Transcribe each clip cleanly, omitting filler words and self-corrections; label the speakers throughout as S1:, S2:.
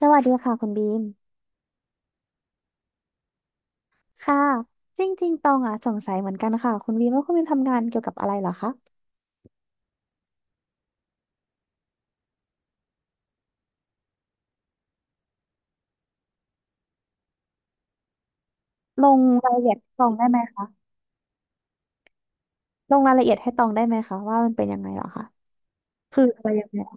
S1: สวัสดีค่ะคุณบีมค่ะจริงๆตองอ่ะสงสัยเหมือนกันค่ะคุณบีมว่าคุณบีมทำงานเกี่ยวกับอะไรเหรอคะลงรายละเอียดให้ตองได้ไหมคะลงรายละเอียดให้ตองได้ไหมคะว่ามันเป็นยังไงเหรอคะคืออะไรยังไงเหรอ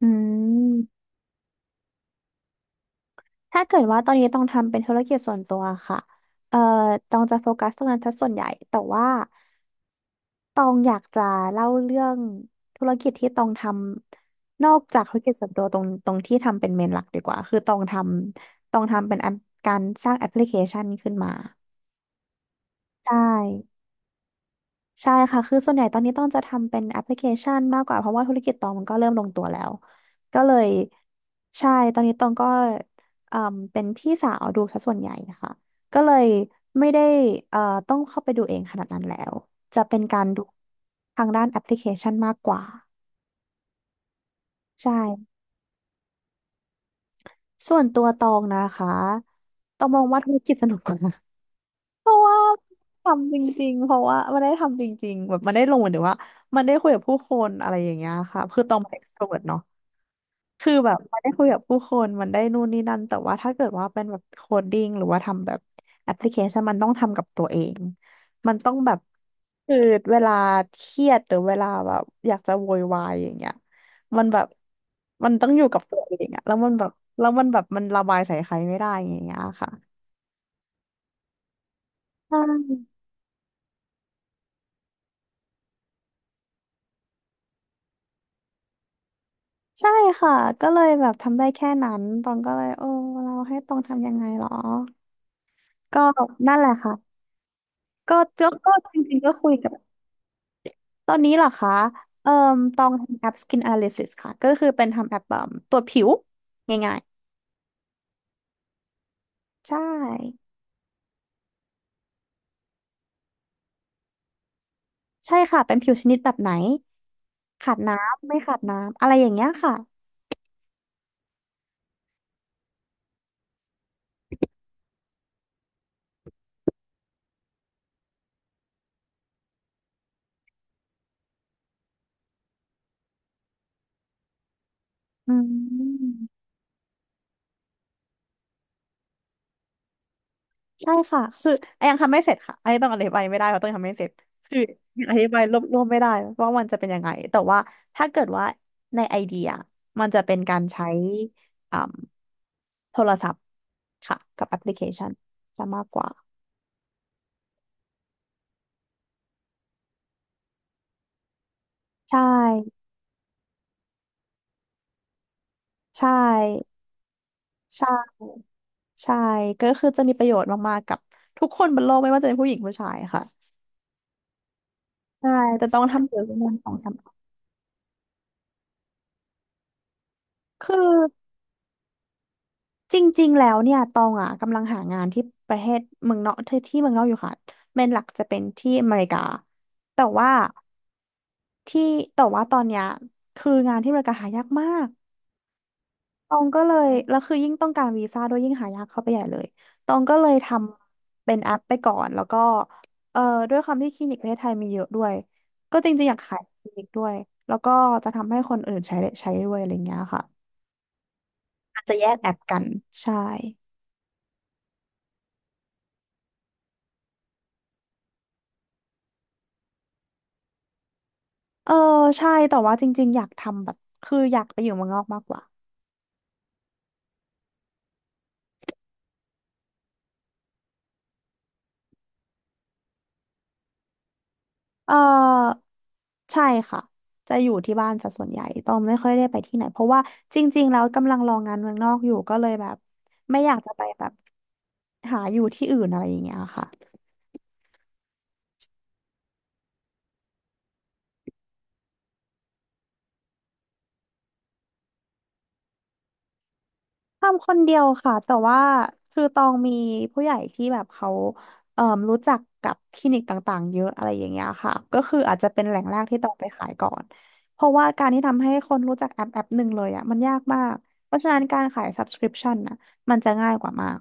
S1: อืมถ้าเกิดว่าตอนนี้ต้องทำเป็นธุรกิจส่วนตัวค่ะเอ่อตองจะโฟกัสตรงนั้นซะส่วนใหญ่แต่ว่า ตองอยากจะเล่าเรื่องธุรกิจที่ตองทำนอกจากธุรกิจส่วนตัวตรงที่ทำเป็นเมนหลักดีกว่าคือตองทำเป็นแอปการสร้างแอปพลิเคชันขึ้นมาได้ ใช่ค่ะ คือส่วนใหญ่ตอนนี้ต้องจะทำเป็นแอปพลิเคชันมากกว่าเพราะว่าธุรกิจตองมันก็เริ่มลงตัวแล้วก็เลยใช่ตอนนี้ตองก็เอ่มเป็นพี่สาวดูซะส่วนใหญ่ค่ะก็เลยไม่ได้เอ่อต้องเข้าไปดูเองขนาดนั้นแล้วจะเป็นการดูทางด้านแอปพลิเคชันมากกว่า ใช่ ส่วนตัวตองนะคะตองมองว่าธุรกิจสนุกกว่า เพราะว่าทำจริงๆเพราะว่ามันได้ทำจริงๆแบบมันได้ลงเหมือนถึงว่ามันได้คุยกับผู้คนอะไรอย่างเงี้ยค่ะคือตองเป็น extrovert เนาะคือแบบมันได้คุยกับผู้คนมันได้นู่นนี่นั่นแต่ว่าถ้าเกิดว่าเป็นแบบโคดดิ้งหรือว่าทำแบบแอปพลิเคชันมันต้องทำกับตัวเองมันต้องแบบคือเวลาเครียดหรือเวลาแบบอยากจะโวยวายอย่างเงี้ยมันแบบมันต้องอยู่กับตัวเองอะแล้วมันแบบแล้วมันแบบมันระบายใส่ใครไม่ได้อย่างเงี้ยค่ะใช่ ใช่ค่ะก็เลยแบบทำได้แค่นั้นตองก็เลยโอ้เราให้ตองทำยังไงหรอก็นั่นแหละค่ะก็จริงๆก็คุยกับตอนนี้เหรอคะเอ่อตองทำแอป Skin Analysis ค่ะก็คือเป็นทำแอปแบบตรวจผิวง่ายๆใช่ใช่ค่ะเป็นผิวชนิดแบบไหนขาดน้ำไม่ขาดน้ำอะไรอย่างเงี้ยค่ะอืม ใช่ค่ะ คือไอยังทำไม่เสร็จค่ะไอต้องอธิบายไม่ได้เพราะต้องยังทำไม่เสร็จคือยังอธิบายรวบรวมไม่ได้ว่ามันจะเป็นยังไง แต่ว่าถ้าเกิดว่าในไอเดียมันจะเป็นการใช้อ่าโทรศัพท์ค่ะกับแอปพลิเคชันจะมากกว่าใช่ใช่ใช่ใช่ก็คือจะมีประโยชน์มากๆ กับทุกคนบนโลกไม่ว่าจะเป็นผู้หญิงผู้ชายค่ะใช่แต่ต้องทำเกี่ยวกับเรื่องของสมคือ จริงๆแล้วเนี่ยตองอ่ะกำลังหางานที่ประเทศเมืองนอกที่เมืองนอกอยู่ค่ะเมนหลักจะเป็นที่อเมริกาแต่ว่าที่แต่ว่าตอนเนี้ยคืองานที่อเมริกาหายากมากตองก็เลยแล้วคือยิ่งต้องการวีซ่าด้วยยิ่งหายากเข้าไปใหญ่เลยตองก็เลยทำเป็นแอปไปก่อนแล้วก็เอ่อด้วยความที่คลินิกประเทศไทยมีเยอะด้วยก็จริงๆอยากขายคลินิกด้วยแล้วก็จะทำให้คนอื่นใช้ได้ใช้ด้วยอะไรเงี้ยค่ะอาจจะแยกแอปกันใช่ เออใช่แต่ว่าจริงๆอยากทำแบบคืออยากไปอยู่เมืองนอกมากกว่าเออใช่ค่ะจะอยู่ที่บ้านซะส่วนใหญ่ต้องไม่ค่อยได้ไปที่ไหนเพราะว่าจริงๆแล้วกำลังรองานเมืองนอกอยู่ก็เลยแบบไม่อยากจะไปแบบหาอยู่ที่อื่นอะไรอย่างเงี้ยค่ะ ทำคนเดียวค่ะแต่ว่าคือตองมีผู้ใหญ่ที่แบบเขาเอ่อรู้จักกับคลินิกต่างๆเยอะอะไรอย่างเงี้ยค่ะก็คืออาจจะเป็นแหล่งแรกที่ตองไปขายก่อนเพราะว่าการที่ทำให้คนรู้จักแอปหนึ่งเลยอ่ะมันยากมากเพราะฉะนั้นการขาย subscription น่ะมันจะง่ายกว่ามาก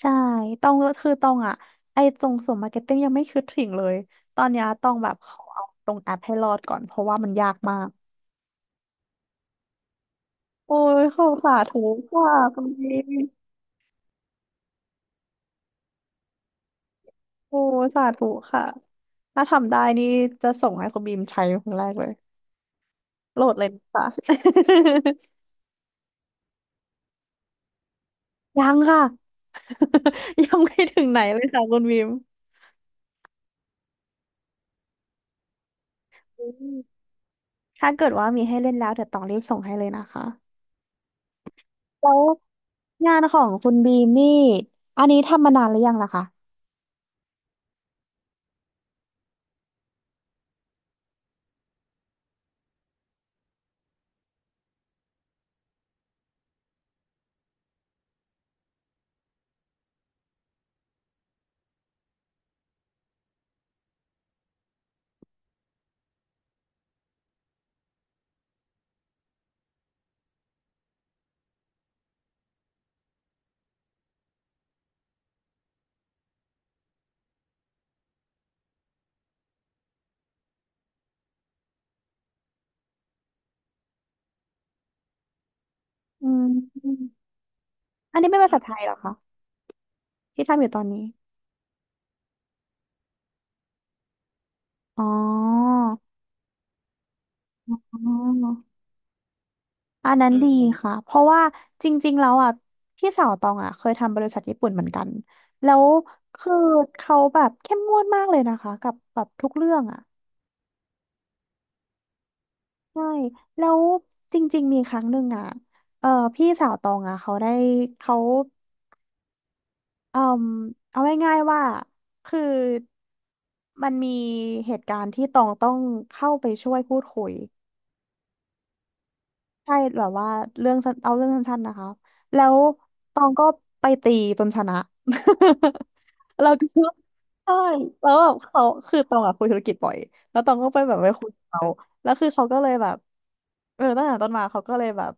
S1: ใช่ตองก็คือตองอ่ะไอ้ตรงส่วนมาร์เก็ตติ้งยังไม่คิดถึงเลยตอนเนี้ยตองแบบขอเอาตรงแอปให้รอดก่อนเพราะว่ามันยากมากโอ้ยขอบสาธุค่ะคุณดี โอ้สาธุค่ะถ้าทำได้นี่จะส่งให้คุณบีมใช้ครั้งแรกเลยโหลดเลยค่ะ ยังค่ะ ยังไม่ถึงไหนเลยค่ะคุณบีมอืมถ้าเกิดว่ามีให้เล่นแล้วเดี๋ยวต้องรีบส่งให้เลยนะคะแล้วงานของคุณบีมนี่อันนี้ทำมานานหรือยังล่ะคะอืมอันนี้เป็นภาษาไทยเหรอคะที่ทำอยู่ตอนนี้อ๋ออ๋อ อันนั้นอืดีมค่ะ เพราะว่าจริงๆแล้วอ่ะพี่สาวตองอ่ะเคยทำบริษัทญี่ปุ่นเหมือนกันแล้วคือเขาแบบเข้มงวดมากเลยนะคะกับแบบทุกเรื่องอ่ะใช่แล้วจริงๆมีครั้งหนึ่งอ่ะเออพี่สาวตองอ่ะเขาได้เขาเออเอาง่ายๆว่าคือมันมีเหตุการณ์ที่ตองต้องเข้าไปช่วยพูดคุย ใช่แบบว่าเรื่องสั้นเอาเรื่องสั้นๆนะคะแล้วตองก็ไปตีจนชนะ เราก็คิดว่าใช่แล้วแบบเขาคือตองอะคุยธุรกิจบ่อยแล้วตองก็ไปแบบไปคุยกับเขาแล้วคือเขาก็เลยแบบตั้งแต่ต้นมาเขาก็เลยแบบ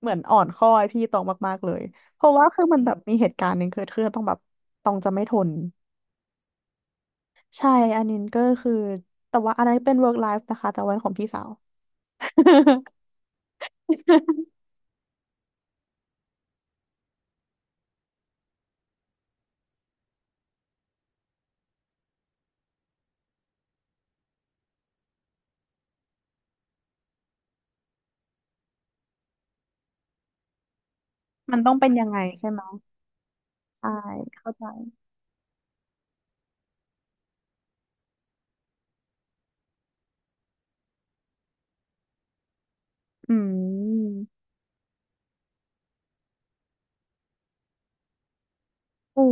S1: เหมือนอ่อนข้อไอพี่ตองมากๆเลยเพราะว่าคือมันแบบมีเหตุการณ์หนึ่งเกิดขึ้นแล้วต้องแบบตองจะไม่ทนใช่อันนี้ก็คือแต่ว่าอันนั้นเป็น work life นะคะแต่วันของพี่สาว มันต้องเป็นยังไงใช่ไหม ใช่เข้าใจอืมโอ้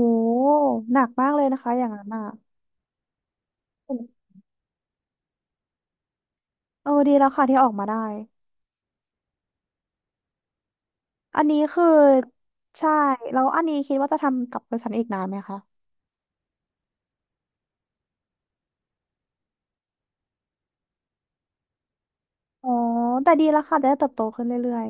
S1: หนักมากเลยนะคะอย่างนั้นอ่ะดีแล้วค่ะที่ออกมาได้อันนี้คือใช่แล้วอันนี้คิดว่าจะทำกับบริษัทอีกนานไหมคะอ๋อแต่ดีแล้วค่ะจะได้เติบโตขึ้นเรื่อย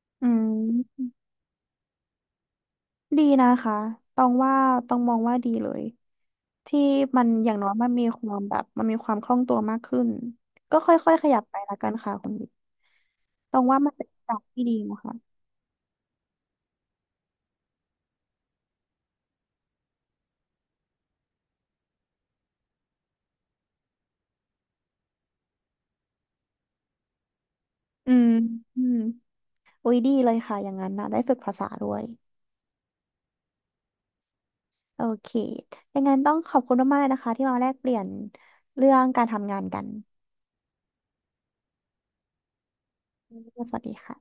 S1: ๆอืมดีนะคะต้องว่าต้องมองว่าดีเลยที่มันอย่างน้อยมันมีความคล่องตัวมากขึ้นก็ค่อยๆขยับไปละกันค่ะคุณต้องว่ามันเป็นจับที่ดีนะคะอืมอืม อุ้ยดีเลยค่ะอย่างนั้นนะได้ฝึกภาษาด้วยโอเคอย่างนั้นต้องขอบคุณมากๆเลยนะคะที่มาแลกเปลี่ยนเรื่องการทำงานกันสวัสดีค่ะ